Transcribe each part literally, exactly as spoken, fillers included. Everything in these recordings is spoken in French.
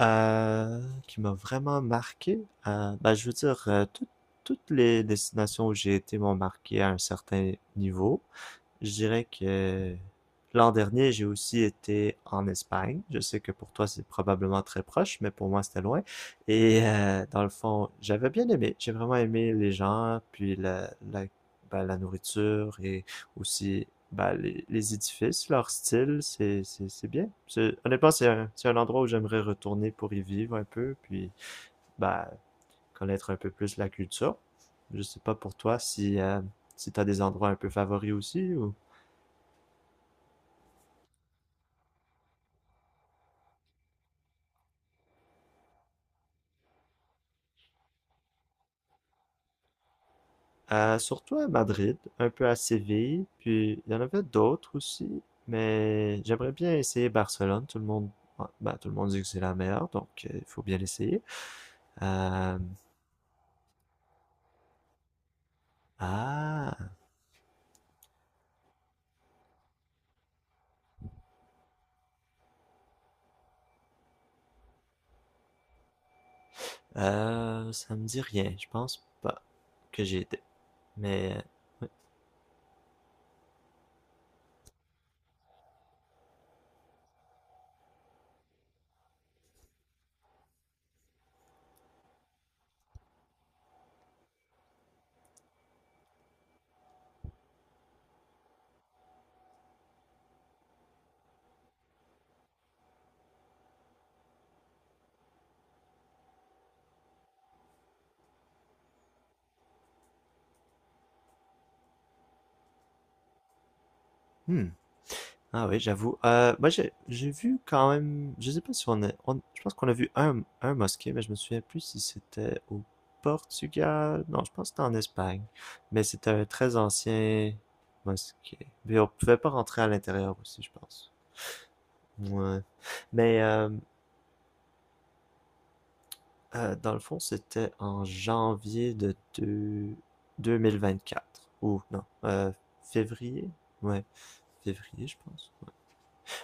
Euh, qui m'a vraiment marqué, euh, bah, je veux dire, euh, tout- toutes les destinations où j'ai été m'ont marqué à un certain niveau. Je dirais que l'an dernier, j'ai aussi été en Espagne. Je sais que pour toi, c'est probablement très proche, mais pour moi, c'était loin. Et euh, dans le fond, j'avais bien aimé. J'ai vraiment aimé les gens, puis la, la, ben, la nourriture, et aussi ben, les, les édifices, leur style. C'est, c'est, c'est bien. C'est, honnêtement, c'est un, c'est un endroit où j'aimerais retourner pour y vivre un peu, puis ben, connaître un peu plus la culture. Je sais pas pour toi si, euh, si tu as des endroits un peu favoris aussi, ou... Euh, surtout à Madrid, un peu à Séville, puis il y en avait d'autres aussi, mais j'aimerais bien essayer Barcelone. Tout le monde, bah, tout le monde dit que c'est la meilleure, donc euh, il faut bien l'essayer. Euh, ah, euh, ça me dit rien. Je pense pas que j'y étais, mais euh, ouais. Hmm. Ah oui, j'avoue. Euh, moi, j'ai j'ai vu quand même. Je sais pas si on a. on- je pense qu'on a vu un, un mosquée, mais je me souviens plus si c'était au Portugal. Non, je pense que c'était en Espagne. Mais c'était un très ancien mosquée. Mais on pouvait pas rentrer à l'intérieur aussi, je pense. Ouais. Mais euh, euh, dans le fond, c'était en janvier de deux- deux mille vingt-quatre. Ou non, euh, février? Ouais, février, je pense.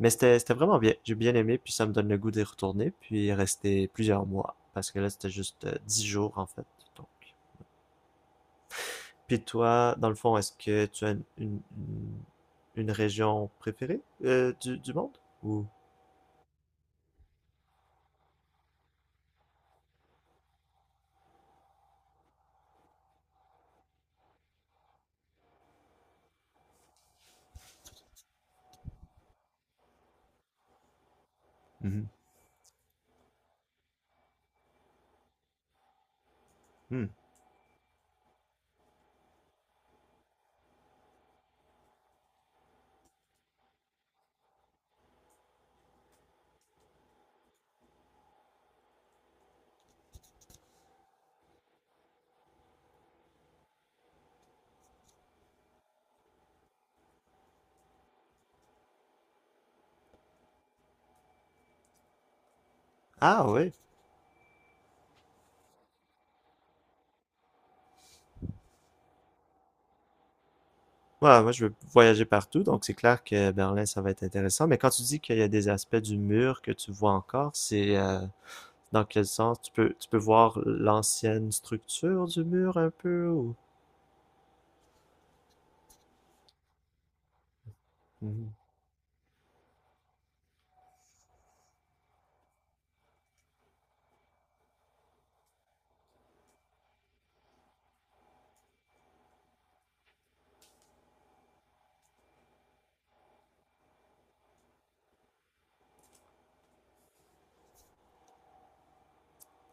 Mais c'était c'était vraiment bien. J'ai bien aimé, puis ça me donne le goût d'y retourner, puis rester plusieurs mois. Parce que là, c'était juste euh, dix jours, en fait. Donc. Puis toi, dans le fond, est-ce que tu as une, une, une- région préférée euh, du, du monde? Ou... Mhm. Hmm. Ah oui. Ouais, moi, je veux voyager partout, donc c'est clair que Berlin, ça va être intéressant. Mais quand tu dis qu'il y a des aspects du mur que tu vois encore, c'est euh, dans quel sens? Tu peux, tu peux voir l'ancienne structure du mur un peu ou... Mhm.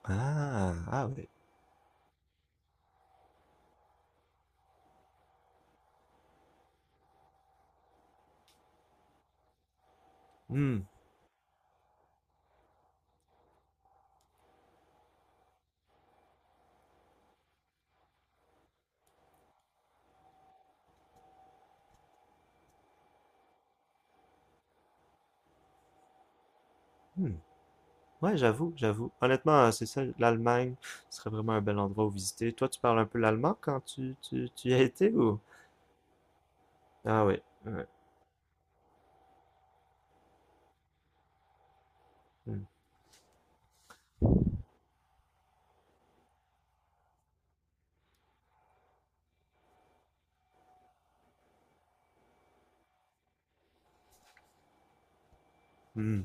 Ah, ah oui. Hmm, hmm. Ouais, j'avoue, j'avoue. Honnêtement, euh, c'est ça, l'Allemagne ce serait vraiment un bel endroit où visiter. Toi, tu parles un peu l'allemand quand tu, tu, tu y as été, ou? Ah oui, ouais. Hmm, hmm.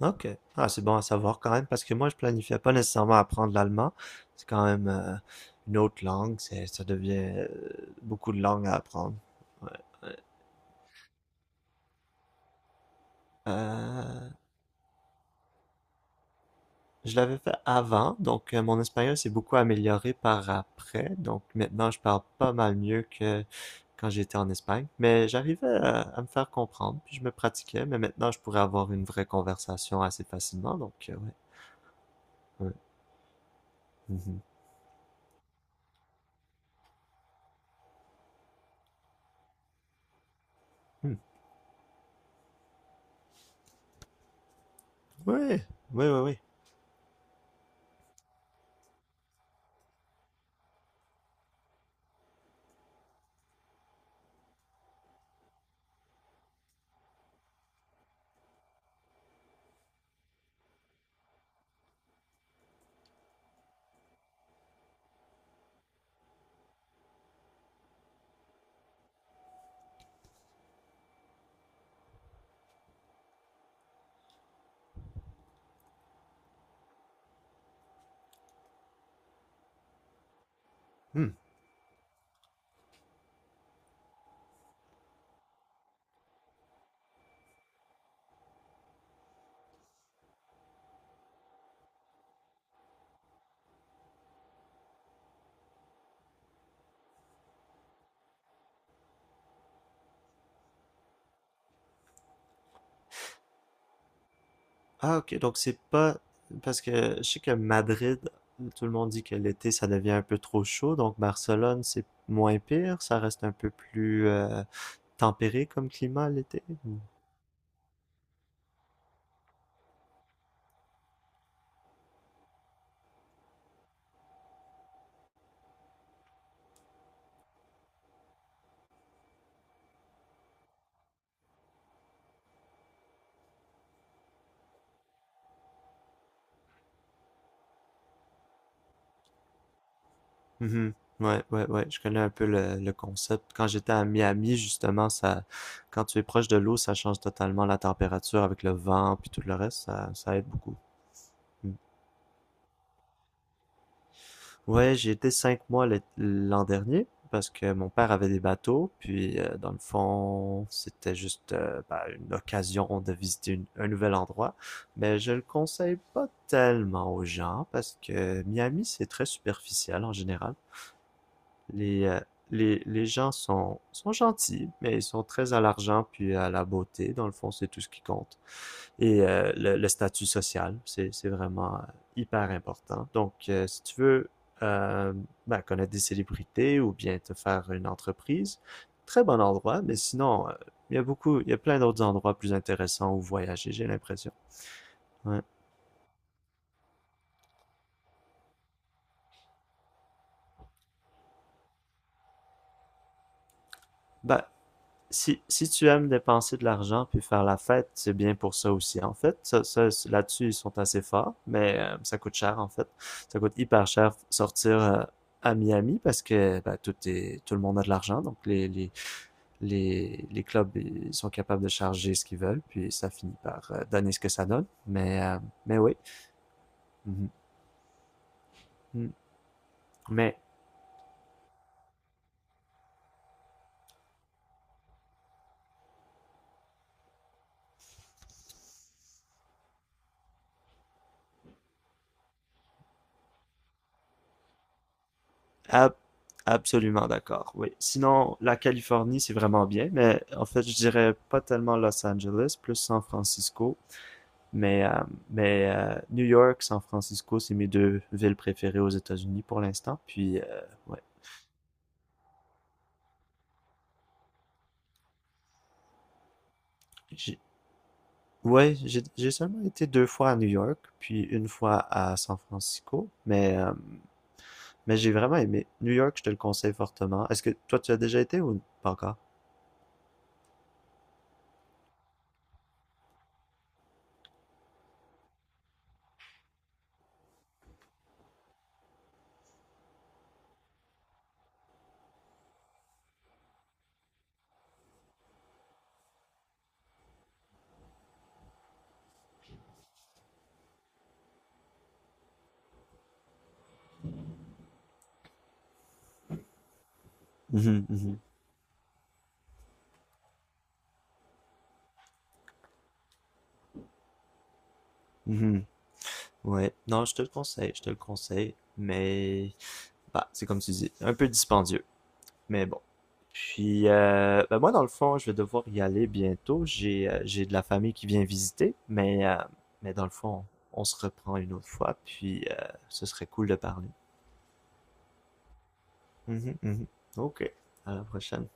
Ok. Ah, c'est bon à savoir quand même, parce que moi, je planifiais pas nécessairement apprendre l'allemand. C'est quand même euh, une autre langue. C'est, ça devient euh, beaucoup de langues à apprendre. Ouais. Ouais. Euh, Je l'avais fait avant, donc euh, mon espagnol s'est beaucoup amélioré par après. Donc maintenant, je parle pas mal mieux que quand j'étais en Espagne. Mais j'arrivais à, à me faire comprendre, puis je me pratiquais. Mais maintenant, je pourrais avoir une vraie conversation assez facilement. Donc euh, ouais, ouais, mhm. Hmm. Ouais, ouais, ouais, ouais. Hmm. Ah ok, donc c'est pas, parce que je sais que Madrid, tout le monde dit que l'été ça devient un peu trop chaud. Donc Barcelone, c'est moins pire. Ça reste un peu plus euh, tempéré comme climat l'été. Mhm. Ouais, ouais, ouais, je connais un peu le, le concept. Quand j'étais à Miami, justement, ça, quand tu es proche de l'eau, ça change totalement la température avec le vent puis tout le reste, ça, ça aide beaucoup. Mm. Ouais, j'ai été cinq mois l'é- l'an dernier, parce que mon père avait des bateaux, puis euh, dans le fond, c'était juste euh, bah, une occasion de visiter une- un nouvel endroit. Mais je le conseille pas tellement aux gens, parce que Miami, c'est très superficiel en général. Les, euh, les, les gens sont, sont, gentils, mais ils sont très à l'argent puis à la beauté. Dans le fond, c'est tout ce qui compte. Et euh, le, le statut social, c'est, c'est vraiment euh, hyper important. Donc, euh, si tu veux euh, ben, connaître des célébrités ou bien te faire une entreprise, très bon endroit. Mais sinon, euh, il y a beaucoup, il y a plein d'autres endroits plus intéressants où voyager, j'ai l'impression. Ouais. Ben, Si, si tu aimes dépenser de l'argent puis faire la fête, c'est bien pour ça aussi, en fait. Ça, ça, là-dessus, ils sont assez forts, mais euh, ça coûte cher, en fait. Ça coûte hyper cher sortir euh, à Miami, parce que bah, tout, est, tout le monde a de l'argent, donc les, les, les, les clubs, ils sont capables de charger ce qu'ils veulent, puis ça finit par euh, donner ce que ça donne. Mais, euh, mais oui. Mhm. Mm. Mais Ab- absolument d'accord, oui. Sinon, la Californie, c'est vraiment bien, mais en fait, je dirais pas tellement Los Angeles, plus San Francisco. Mais, euh, mais euh, New York, San Francisco, c'est mes deux villes préférées aux États-Unis pour l'instant. Puis, euh, ouais. J'ai, ouais, j'ai, j'ai seulement été deux fois à New York, puis une fois à San Francisco. Mais, euh, mais j'ai vraiment aimé. New York, je te le conseille fortement. Est-ce que toi, tu as déjà été ou pas encore? Mhm, mhm. Mhm. Ouais, non, je te le conseille, je te le conseille, mais bah, c'est comme tu dis, un peu dispendieux, mais bon. Puis, euh, bah, moi, dans le fond, je vais devoir y aller bientôt. J'ai euh, j'ai de la famille qui vient visiter, mais, euh, mais dans le fond, on se reprend une autre fois, puis euh, ce serait cool de parler. Mhm, mhm. Ok, à la prochaine.